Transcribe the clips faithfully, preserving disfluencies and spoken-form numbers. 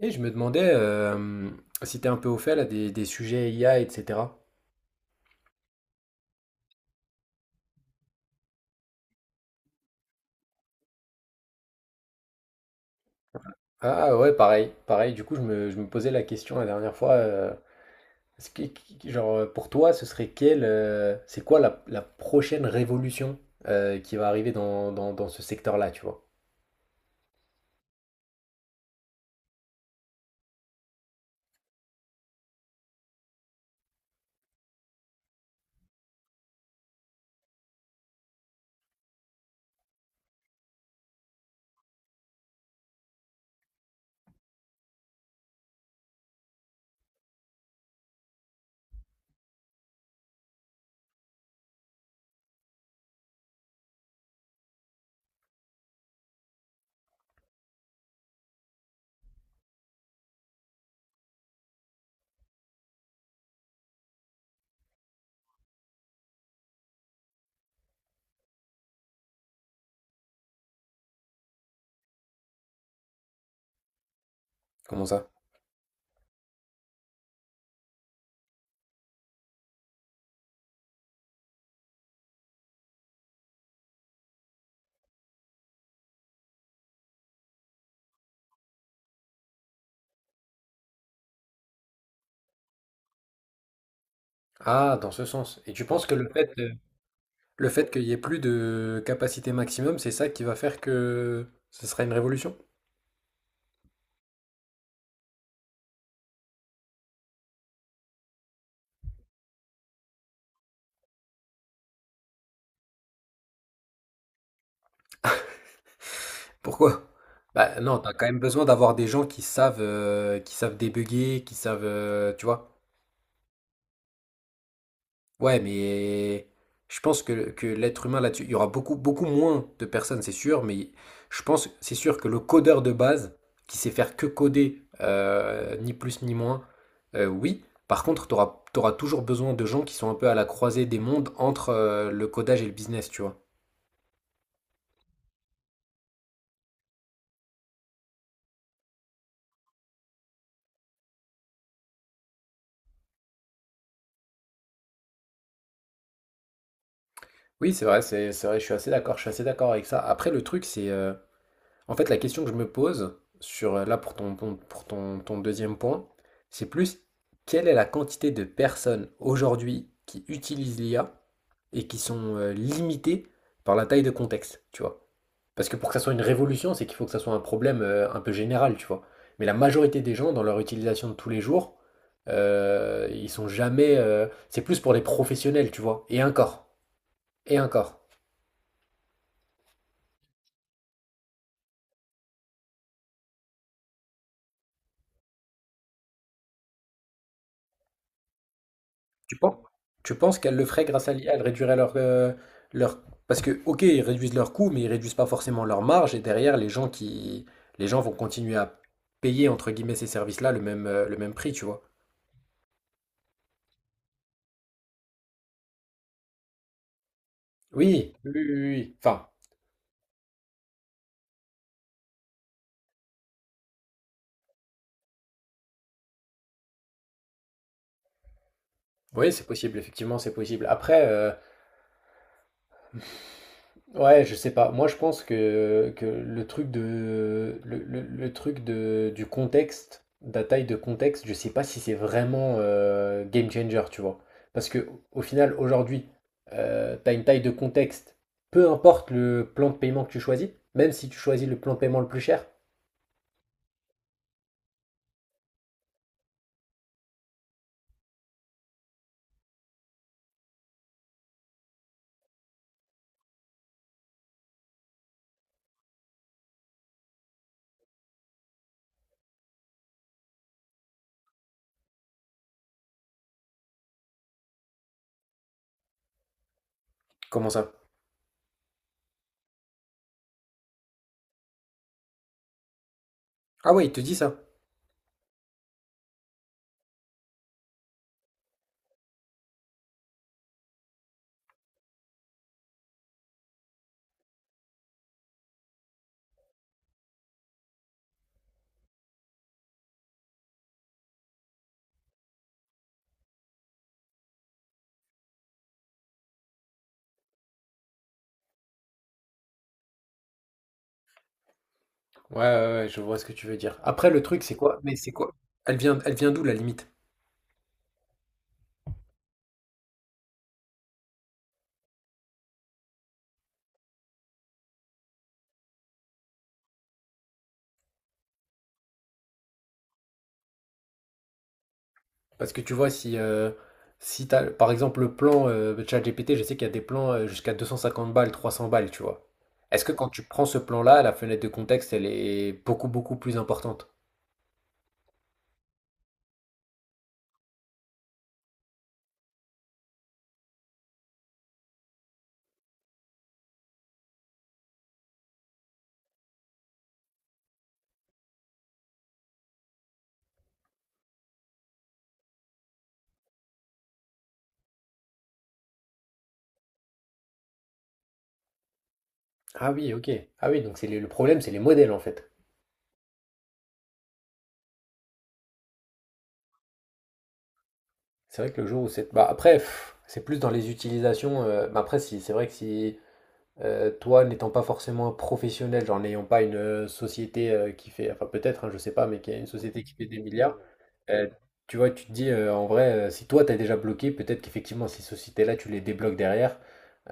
Et je me demandais euh, si t'es un peu au fait là des, des sujets I A, et cetera. Ah ouais, pareil, pareil. Du coup, je me, je me posais la question la dernière fois. Euh, est-ce que- qui- genre, euh, Pour toi, ce serait quelle, euh, c'est quoi la, la prochaine révolution euh, qui va arriver dans, dans, dans ce secteur-là, tu vois? Comment ça? Ah, dans ce sens. Et tu penses que le fait, euh, le fait qu'il y ait plus de capacité maximum, c'est ça qui va faire que ce sera une révolution? Pourquoi? Bah non, t'as quand même besoin d'avoir des gens qui savent, euh, qui savent débugger, qui savent, euh, tu vois. Ouais, mais je pense que, que l'être humain là-dessus, il y aura beaucoup, beaucoup moins de personnes, c'est sûr, mais je pense, c'est sûr que le codeur de base, qui sait faire que coder, euh, ni plus ni moins, euh, oui. Par contre, t'auras, t'auras toujours besoin de gens qui sont un peu à la croisée des mondes entre euh, le codage et le business, tu vois. Oui, c'est vrai, c'est c'est vrai, je suis assez d'accord, je suis assez d'accord avec ça. Après, le truc, c'est... euh, En fait, la question que je me pose sur euh, là pour ton, ton- pour ton, ton deuxième point, c'est plus quelle est la quantité de personnes aujourd'hui qui utilisent l'I A et qui sont euh, limitées par la taille de contexte, tu vois. Parce que pour que ça soit une révolution, c'est qu'il faut que ça soit un problème euh, un peu général, tu vois. Mais la majorité des gens, dans leur utilisation de tous les jours, euh, ils sont jamais. Euh, c'est plus pour les professionnels, tu vois. Et encore. Et encore. Tu penses, tu penses qu'elles le feraient grâce à l'I A? Elles réduiraient leur, euh, leur... Parce que, ok, ils réduisent leurs coûts, mais ils réduisent pas forcément leur marge. Et derrière, les gens qui... les gens vont continuer à payer, entre guillemets, ces services-là le même, euh, le même prix, tu vois. Oui, oui, oui, oui. Enfin, oui, c'est possible, effectivement, c'est possible. Après, euh, Ouais, je sais pas. Moi, je pense que, que le truc de le, le- le truc de du contexte, de la taille de contexte, je sais pas si c'est vraiment euh, game changer, tu vois. Parce que au final, aujourd'hui, euh, t'as une taille de contexte, peu importe le plan de paiement que tu choisis, même si tu choisis le plan de paiement le plus cher. Comment ça? Ah ouais, il te dit ça. Ouais, ouais, ouais, je vois ce que tu veux dire. Après, le truc, c'est quoi? Mais c'est quoi? Elle vient, elle vient d'où la limite? Parce que tu vois, si, euh, si t'as, par exemple, le plan euh, ChatGPT, je sais qu'il y a des plans euh, jusqu'à deux cent cinquante balles, trois cents balles, tu vois. Est-ce que quand tu prends ce plan-là, la fenêtre de contexte, elle est beaucoup, beaucoup plus importante? Ah oui, ok. Ah oui, donc c'est les- le problème, c'est les modèles, en fait. C'est vrai que le jour où c'est... Bah après, pff, c'est plus dans les utilisations. euh, bah Après, si, c'est vrai que si euh, toi, n'étant pas forcément un professionnel, genre n'ayant pas une euh, société euh, qui fait... Enfin peut-être, hein, je sais pas, mais qui a une société qui fait des milliards, Euh, tu vois, tu te dis euh, en vrai, euh, si toi t'as déjà bloqué, peut-être qu'effectivement, ces sociétés-là, tu les débloques derrière,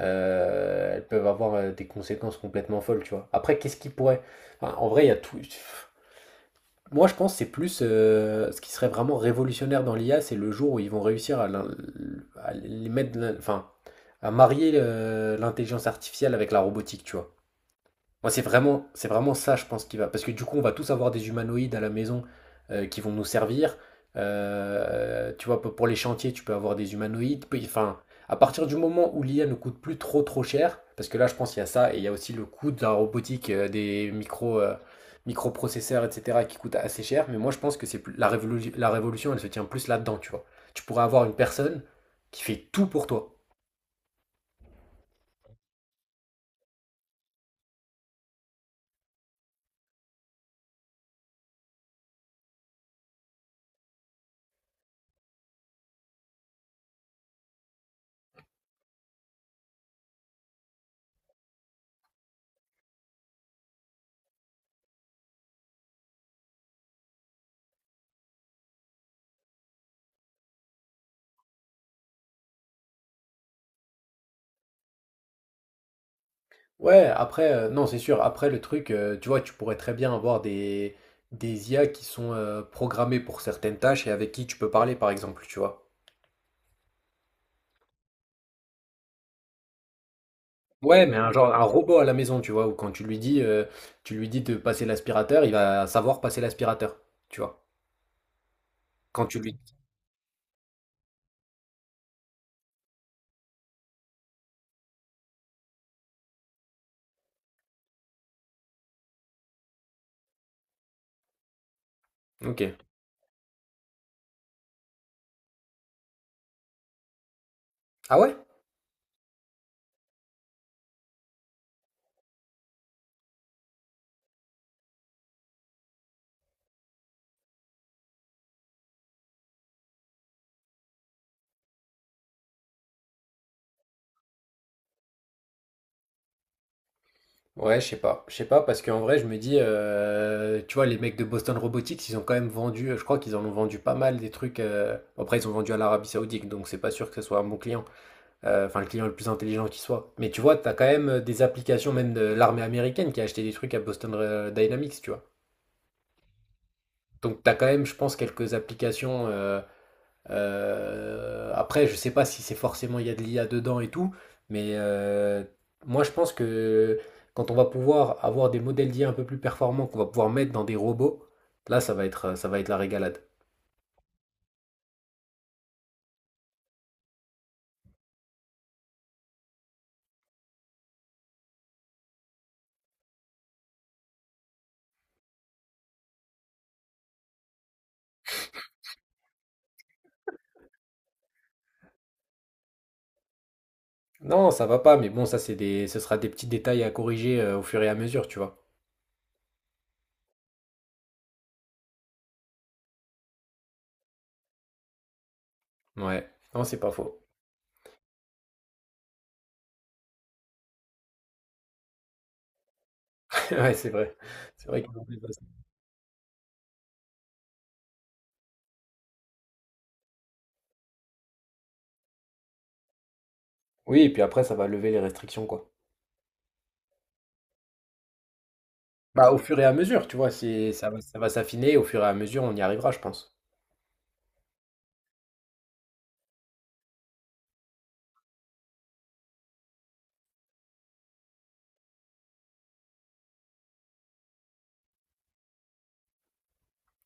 euh, elles peuvent avoir euh, des conséquences complètement folles, tu vois. Après, qu'est-ce qui pourrait. Enfin, en vrai, il y a tout. Moi, je pense que c'est plus euh, ce qui serait vraiment révolutionnaire dans l'I A, c'est le jour où ils vont réussir à, l'in- à les mettre, l'in- enfin, à marier euh, l'intelligence artificielle avec la robotique, tu vois. Moi, c'est vraiment, c'est vraiment ça, je pense, qui va. Parce que du coup, on va tous avoir des humanoïdes à la maison euh, qui vont nous servir. Euh, tu vois, pour pour les chantiers, tu peux avoir des humanoïdes. Puis, Enfin, à partir du moment où l'I A ne coûte plus trop trop cher, parce que là, je pense qu'il y a ça, et il y a aussi le coût de la robotique, euh, des micro, euh, microprocesseurs, et cetera, qui coûte assez cher. Mais moi, je pense que c'est plus- la révolu- la révolution, elle se tient plus là-dedans, tu vois. Tu pourrais avoir une personne qui fait tout pour toi. Ouais, après, euh, non, c'est sûr. Après, le truc, euh, tu vois, tu pourrais très bien avoir des, des I A qui sont euh, programmées pour certaines tâches et avec qui tu peux parler, par exemple, tu vois. Ouais, mais un genre, un robot à la maison, tu vois, où quand tu lui dis, euh, tu lui dis de passer l'aspirateur, il va savoir passer l'aspirateur, tu vois. Quand tu lui... Ok. Ah ouais? Ouais, je sais pas. Je sais pas, parce qu'en vrai, je me dis, euh, tu vois, les mecs de Boston Robotics, ils ont quand même vendu, je crois qu'ils en ont vendu pas mal des trucs. euh, Après, ils ont vendu à l'Arabie Saoudite, donc c'est pas sûr que ce soit un bon client. Euh, Enfin, le client le plus intelligent qui soit. Mais tu vois, t'as quand même euh, des applications, même de l'armée américaine, qui a acheté des trucs à Boston euh, Dynamics, tu vois. Donc, t'as quand même, je pense, quelques applications. euh, euh, Après, je sais pas si c'est forcément il y a de l'I A dedans et tout, mais euh, moi, je pense que quand on va pouvoir avoir des modèles d'I A un peu plus performants, qu'on va pouvoir mettre dans des robots, là, ça va être, ça va être la régalade. Non, ça va pas, mais bon, ça, c'est des, ce sera des petits détails à corriger euh, au fur et à mesure, tu vois. Ouais, non, c'est pas faux. Ouais, c'est vrai. C'est vrai qu'ils ont des bases. Oui et puis après ça va lever les restrictions, quoi. Bah, au fur et à mesure, tu vois? C'est ça va ça va s'affiner au fur et à mesure, on y arrivera, je pense.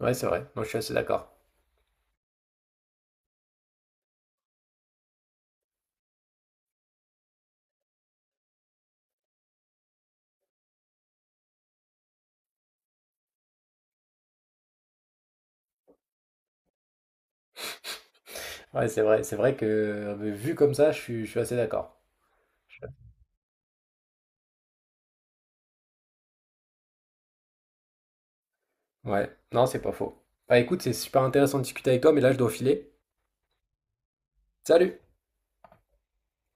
Ouais, c'est vrai. Moi, je suis assez d'accord. Ouais, c'est vrai. C'est vrai que, heu, vu comme ça, je suis je suis assez d'accord. Ouais. Non, c'est pas faux. Bah, écoute, c'est super intéressant de discuter avec toi, mais là, je dois filer. Salut!